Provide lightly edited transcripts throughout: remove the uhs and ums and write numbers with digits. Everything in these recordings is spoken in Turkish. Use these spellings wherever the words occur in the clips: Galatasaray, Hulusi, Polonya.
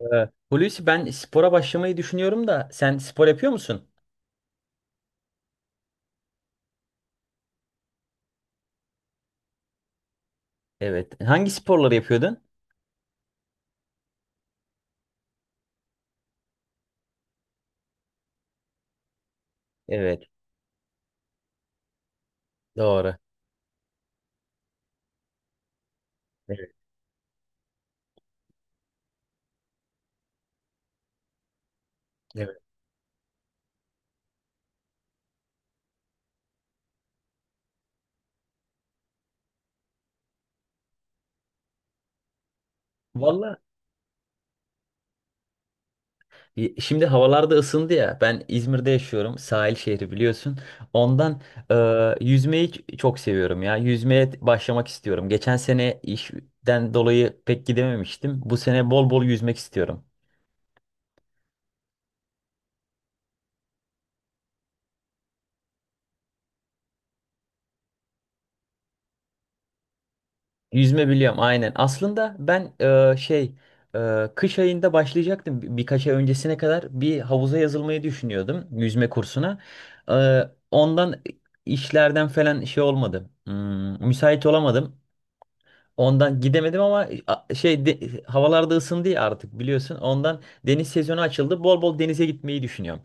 Hulusi, ben spora başlamayı düşünüyorum da sen spor yapıyor musun? Evet. Hangi sporları yapıyordun? Evet. Doğru. Evet. Evet. Valla, şimdi havalar da ısındı ya. Ben İzmir'de yaşıyorum. Sahil şehri, biliyorsun. Ondan yüzmeyi çok seviyorum ya. Yüzmeye başlamak istiyorum. Geçen sene işten dolayı pek gidememiştim. Bu sene bol bol yüzmek istiyorum. Yüzme biliyorum, aynen. Aslında ben, e, şey kış ayında başlayacaktım. Birkaç ay öncesine kadar bir havuza yazılmayı düşünüyordum, yüzme kursuna. E, Ondan işlerden falan şey olmadı. Müsait olamadım. Ondan gidemedim ama havalarda ısındı ya artık, biliyorsun. Ondan deniz sezonu açıldı. Bol bol denize gitmeyi düşünüyorum.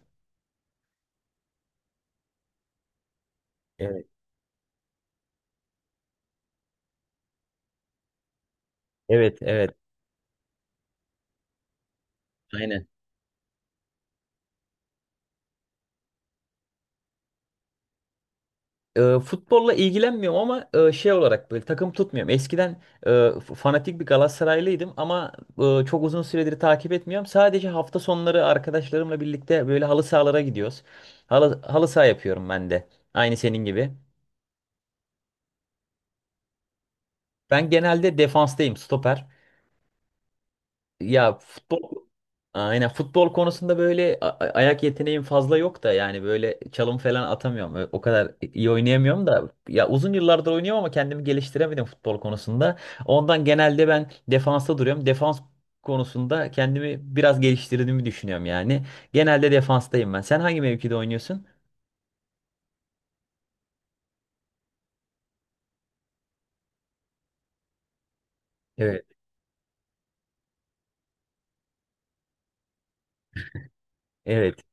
Evet, evet, evet. Aynen. Futbolla ilgilenmiyorum ama şey olarak, böyle takım tutmuyorum. Eskiden fanatik bir Galatasaraylıydım ama çok uzun süredir takip etmiyorum. Sadece hafta sonları arkadaşlarımla birlikte böyle halı sahalara gidiyoruz. Halı saha yapıyorum ben de. Aynı senin gibi. Ben genelde defanstayım, stoper. Ya futbol, aynen, futbol konusunda böyle ayak yeteneğim fazla yok da, yani böyle çalım falan atamıyorum. O kadar iyi oynayamıyorum da ya, uzun yıllardır oynuyorum ama kendimi geliştiremedim futbol konusunda. Ondan genelde ben defansta duruyorum. Defans konusunda kendimi biraz geliştirdiğimi düşünüyorum, yani. Genelde defanstayım ben. Sen hangi mevkide oynuyorsun? Evet. Evet.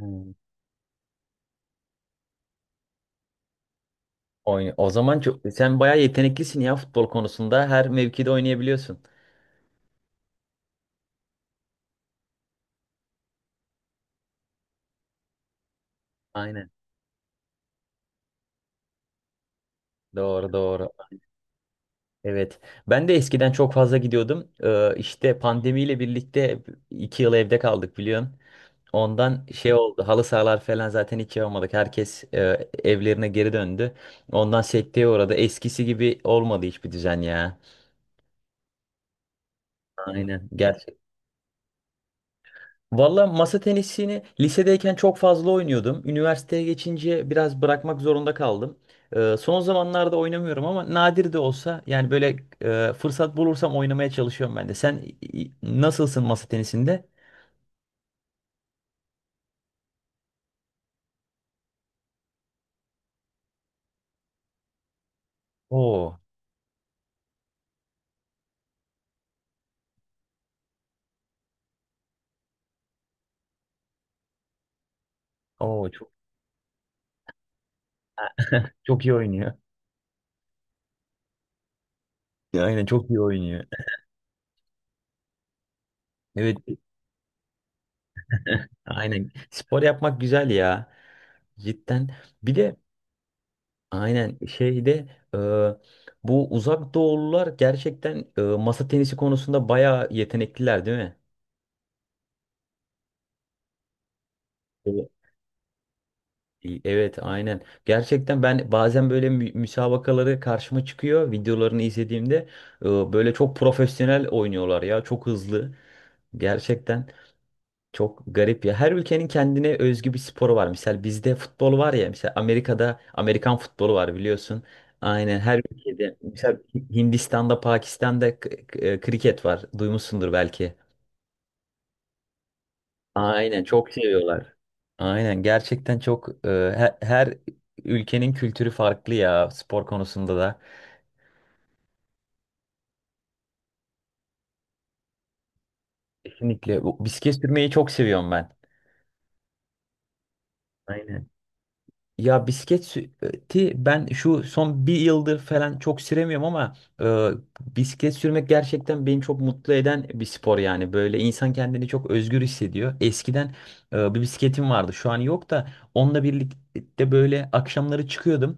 Hmm. O zaman çok sen bayağı yeteneklisin ya, futbol konusunda. Her mevkide oynayabiliyorsun. Aynen. Doğru, doğru. Evet. Ben de eskiden çok fazla gidiyordum. İşte pandemiyle birlikte 2 yıl evde kaldık, biliyorsun. Ondan şey oldu. Halı sahalar falan zaten hiç yapamadık. Herkes evlerine geri döndü. Ondan sekteye uğradı. Eskisi gibi olmadı hiçbir düzen, ya. Aynen. Valla, masa tenisini lisedeyken çok fazla oynuyordum. Üniversiteye geçince biraz bırakmak zorunda kaldım. Son zamanlarda oynamıyorum ama nadir de olsa, yani böyle, fırsat bulursam oynamaya çalışıyorum ben de. Sen, nasılsın masa tenisinde? Oo, oo, çok çok iyi oynuyor. Aynen, çok iyi oynuyor. Evet, aynen. Spor yapmak güzel ya. Cidden. Bir de, aynen şeyde, e, bu uzak doğulular gerçekten, masa tenisi konusunda bayağı yetenekliler, değil mi? Evet. Evet, aynen. Gerçekten, ben bazen böyle müsabakaları karşıma çıkıyor, videolarını izlediğimde böyle çok profesyonel oynuyorlar ya, çok hızlı. Gerçekten. Çok garip ya. Her ülkenin kendine özgü bir sporu var. Mesela bizde futbol var ya. Mesela Amerika'da Amerikan futbolu var, biliyorsun. Aynen, her ülkede. Mesela Hindistan'da, Pakistan'da, kriket var. Duymuşsundur belki. Aynen, çok seviyorlar. Aynen, gerçekten çok, her ülkenin kültürü farklı ya, spor konusunda da. Kesinlikle. Bisiklet sürmeyi çok seviyorum ben. Aynen. Ya bisikleti ben şu son bir yıldır falan çok süremiyorum ama, e, bisiklet sürmek gerçekten beni çok mutlu eden bir spor, yani. Böyle insan kendini çok özgür hissediyor. Eskiden, bir bisikletim vardı, şu an yok da, onunla birlikte böyle akşamları çıkıyordum.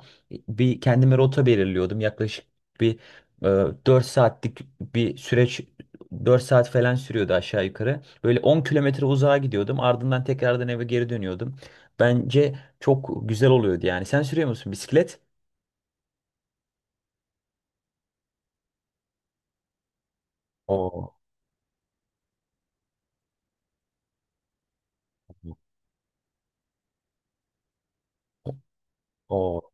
Bir kendime rota belirliyordum, yaklaşık bir 4 saatlik bir süreç 4 saat falan sürüyordu, aşağı yukarı. Böyle 10 kilometre uzağa gidiyordum, ardından tekrardan eve geri dönüyordum. Bence çok güzel oluyordu, yani. Sen sürüyor musun bisiklet? Oo, o,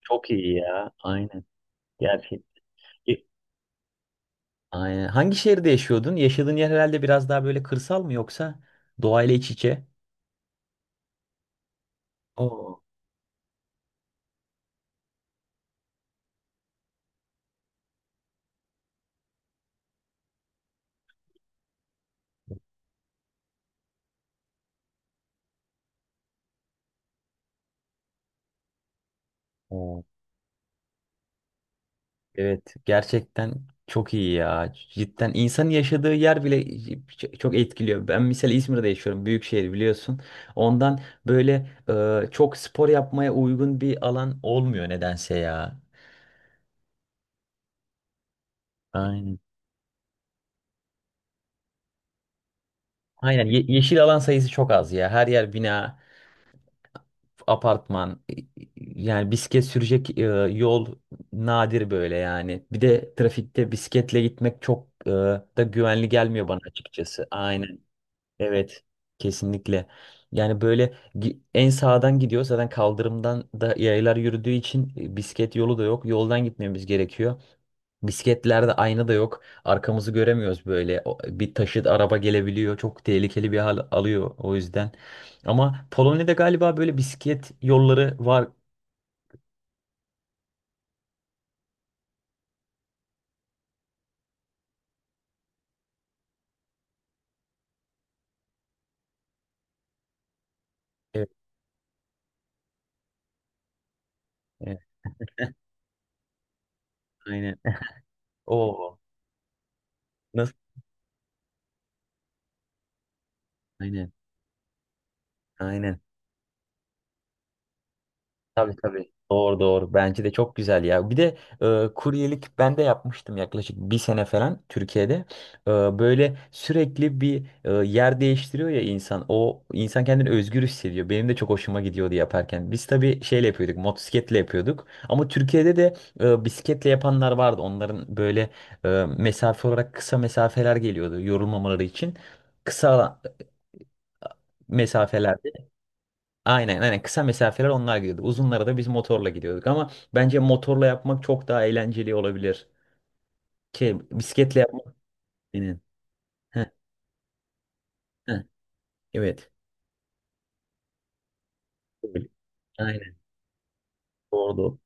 çok iyi ya. Aynen. Gerçek. Aynen. Hangi şehirde yaşıyordun? Yaşadığın yer herhalde biraz daha böyle kırsal mı, yoksa doğayla iç içe? O, o. Evet, gerçekten çok iyi ya. Cidden, insanın yaşadığı yer bile çok etkiliyor. Ben mesela İzmir'de yaşıyorum. Büyük şehir, biliyorsun. Ondan böyle, çok spor yapmaya uygun bir alan olmuyor nedense ya. Aynen. Aynen, yeşil alan sayısı çok az ya. Her yer bina, apartman. Yani bisiklet sürecek yol nadir böyle, yani. Bir de trafikte bisikletle gitmek çok da güvenli gelmiyor bana, açıkçası. Aynen. Evet. Kesinlikle. Yani böyle, en sağdan gidiyor. Zaten kaldırımdan da yaylar yürüdüğü için bisiklet yolu da yok. Yoldan gitmemiz gerekiyor. Bisikletlerde ayna da yok. Arkamızı göremiyoruz böyle. Bir taşıt, araba gelebiliyor. Çok tehlikeli bir hal alıyor, o yüzden. Ama Polonya'da galiba böyle bisiklet yolları var. Evet, evet, aynen. O nasıl? Aynen. Aynen. Tabii, tabii. Doğru, doğru. Bence de çok güzel ya. Bir de kuryelik ben de yapmıştım yaklaşık bir sene falan Türkiye'de. E, Böyle sürekli bir, yer değiştiriyor ya insan. O, insan kendini özgür hissediyor. Benim de çok hoşuma gidiyordu yaparken. Biz tabii şeyle yapıyorduk, motosikletle yapıyorduk. Ama Türkiye'de de bisikletle yapanlar vardı. Onların böyle mesafe olarak kısa mesafeler geliyordu, yorulmamaları için. Kısa, e, mesafelerde... Aynen, aynen, kısa mesafeler onlar gidiyordu. Uzunlara da biz motorla gidiyorduk ama bence motorla yapmak çok daha eğlenceli olabilir. Şey, bisikletle yapmak benim. Heh, heh, evet. Öyle. Aynen, doğru.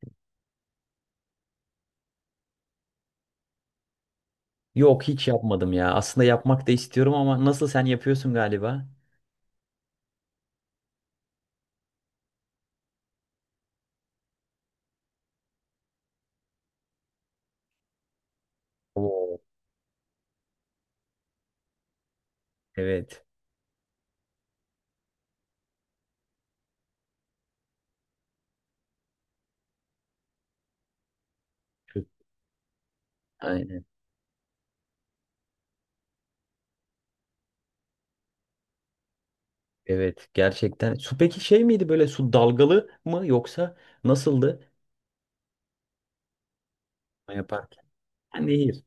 Yok, hiç yapmadım ya. Aslında yapmak da istiyorum ama nasıl, sen yapıyorsun galiba? Oo. Evet. Çok- Aynen. Evet, gerçekten. Su peki şey miydi, böyle su dalgalı mı yoksa nasıldı? Yaparken. Ha, nehir.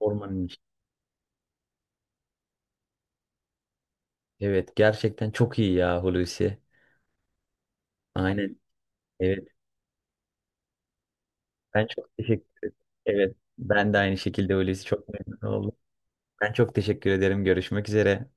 Ormanın içi. Evet, gerçekten çok iyi ya, Hulusi. Aynen. Evet. Ben çok teşekkür ederim. Evet, ben de aynı şekilde, öylesi çok memnun oldum. Ben çok teşekkür ederim. Görüşmek üzere.